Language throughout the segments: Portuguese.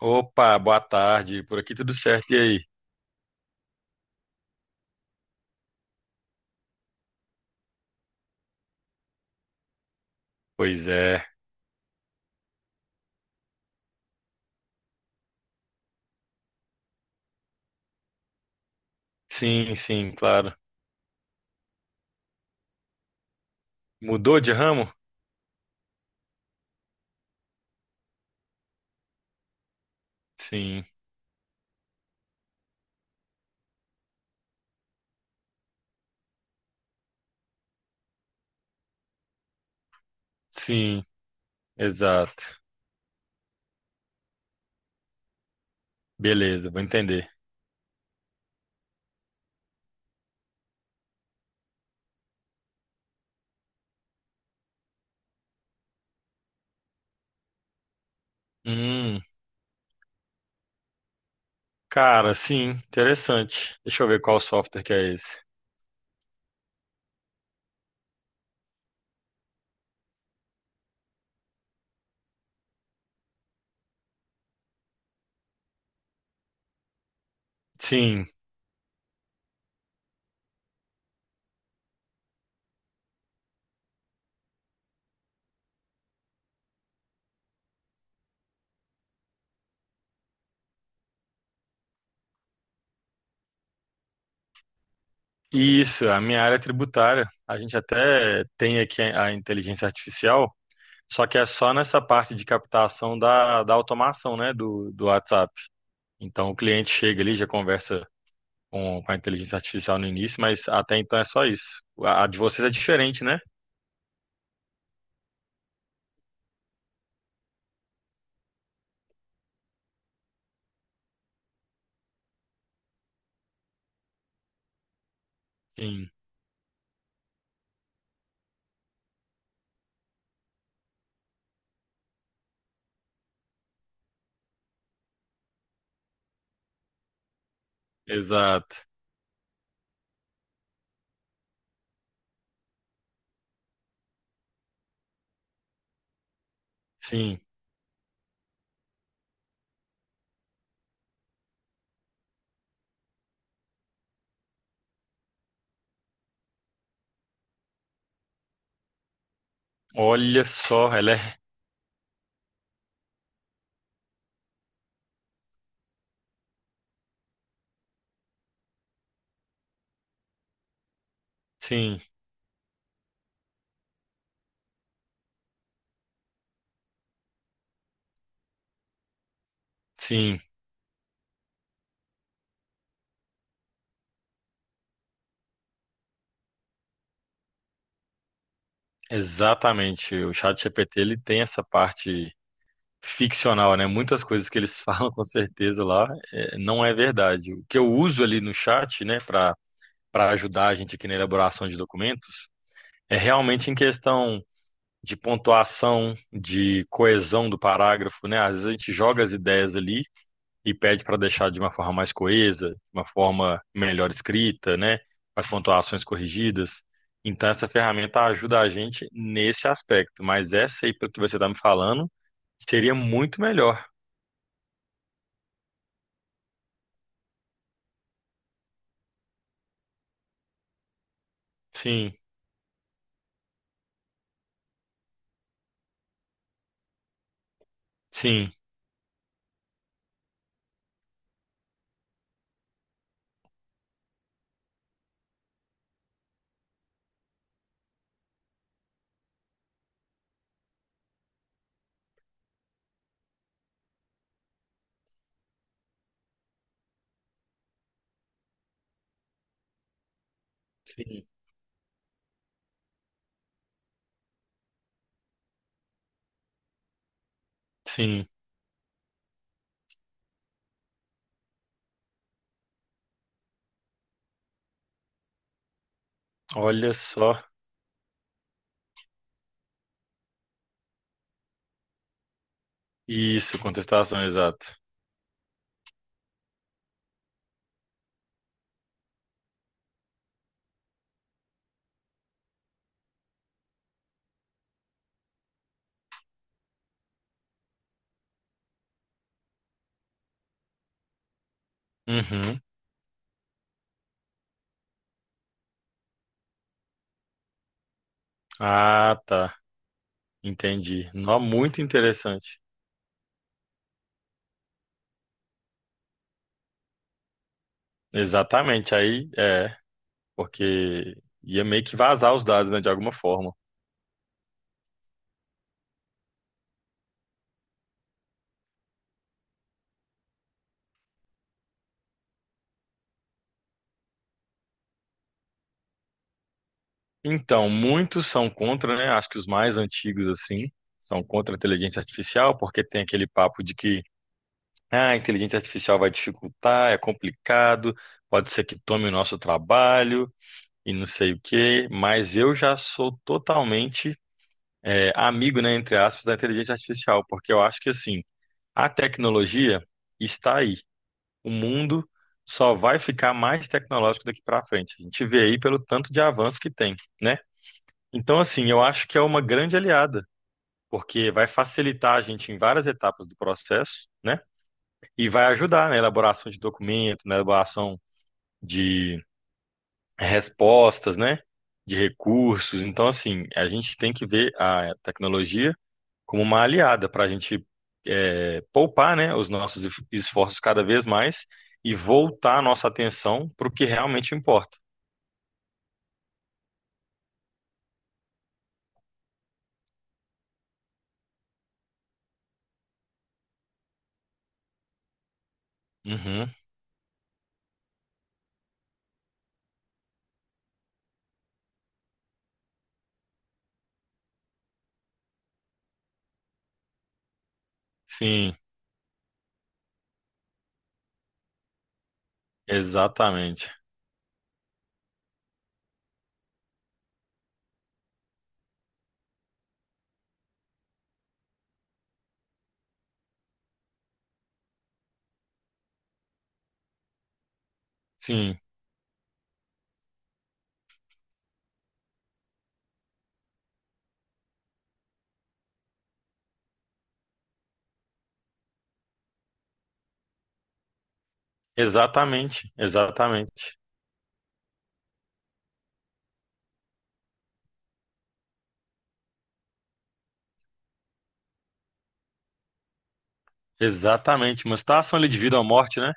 Opa, boa tarde. Por aqui tudo certo, e aí? Pois é. Sim, sim, claro. Mudou de ramo? Sim, sim, exato. Beleza, vou entender. Hum, cara, sim, interessante. Deixa eu ver qual software que é esse. Sim, isso, a minha área é tributária. A gente até tem aqui a inteligência artificial, só que é só nessa parte de captação da automação, né, do WhatsApp. Então o cliente chega ali, já conversa com a inteligência artificial no início, mas até então é só isso. A de vocês é diferente, né? Sim, exato. Sim, olha só, ela é. Sim, sim, exatamente. O chat GPT ele tem essa parte ficcional, né? Muitas coisas que eles falam com certeza lá é, não é verdade. O que eu uso ali no chat, né, para ajudar a gente aqui na elaboração de documentos, é realmente em questão de pontuação, de coesão do parágrafo, né? Às vezes a gente joga as ideias ali e pede para deixar de uma forma mais coesa, de uma forma melhor escrita, né? Com as pontuações corrigidas. Então, essa ferramenta ajuda a gente nesse aspecto, mas essa aí, pelo que você está me falando, seria muito melhor. Sim, sim, sim, sim. Olha só. Isso, contestação exata. Uhum. Ah, tá. Entendi. Nó, muito interessante. Exatamente. Aí é, porque ia meio que vazar os dados, né, de alguma forma. Então, muitos são contra, né? Acho que os mais antigos, assim, são contra a inteligência artificial, porque tem aquele papo de que ah, a inteligência artificial vai dificultar, é complicado, pode ser que tome o nosso trabalho e não sei o quê. Mas eu já sou totalmente é, amigo, né, entre aspas, da inteligência artificial, porque eu acho que, assim, a tecnologia está aí. O mundo só vai ficar mais tecnológico daqui para frente. A gente vê aí pelo tanto de avanço que tem, né? Então, assim, eu acho que é uma grande aliada, porque vai facilitar a gente em várias etapas do processo, né? E vai ajudar na elaboração de documento, na elaboração de respostas, né? De recursos. Então, assim, a gente tem que ver a tecnologia como uma aliada para a gente é, poupar, né? Os nossos esforços cada vez mais e voltar a nossa atenção para o que realmente importa. Uhum. Sim, exatamente. Sim, exatamente, exatamente. Exatamente, uma situação ali de vida ou morte, né?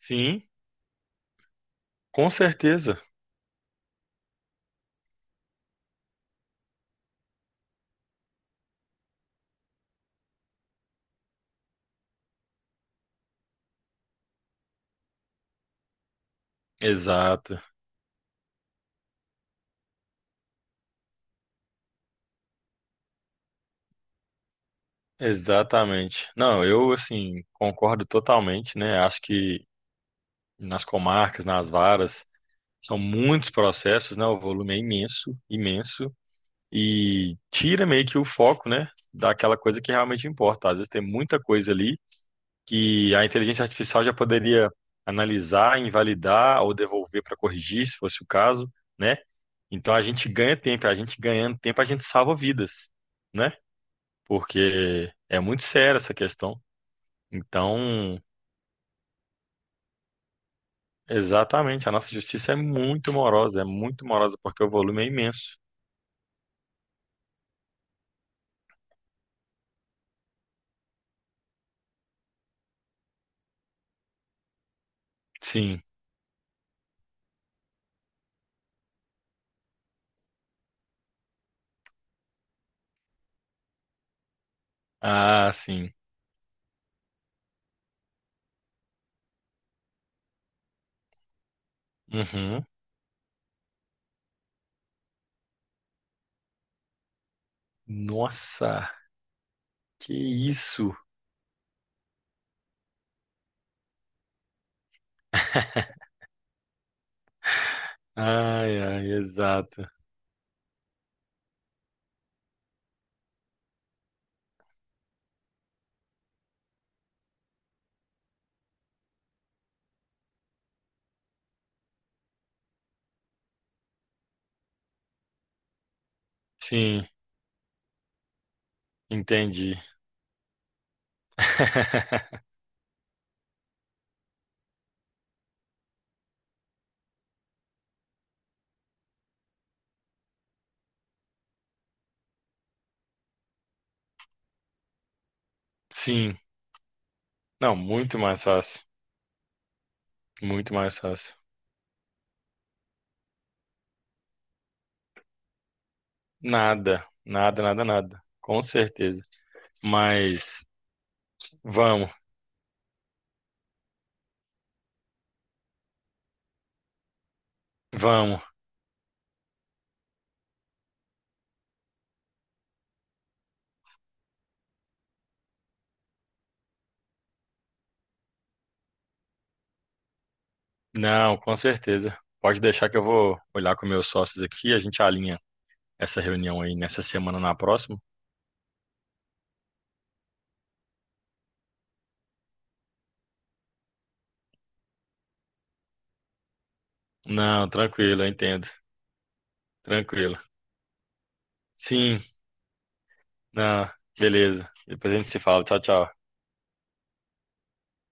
Sim, com certeza. Exato, exatamente. Não, eu assim concordo totalmente, né? Acho que nas comarcas, nas varas, são muitos processos, né? O volume é imenso, imenso e tira meio que o foco, né? Daquela coisa que realmente importa. Às vezes tem muita coisa ali que a inteligência artificial já poderia analisar, invalidar ou devolver para corrigir, se fosse o caso, né? Então a gente ganha tempo, a gente ganhando tempo, a gente salva vidas, né? Porque é muito séria essa questão. Então, exatamente, a nossa justiça é muito morosa porque o volume é imenso. Sim. Ah, sim. Uhum. Nossa, que isso? Ai, ai, exato. Sim, entendi. Sim. Não, muito mais fácil. Muito mais fácil. Nada, nada, nada, nada. Com certeza. Mas vamos, vamos. Não, com certeza. Pode deixar que eu vou olhar com meus sócios aqui, a gente alinha essa reunião aí nessa semana ou na próxima. Não, tranquilo, eu entendo. Tranquilo. Sim, não, beleza. Depois a gente se fala. Tchau, tchau.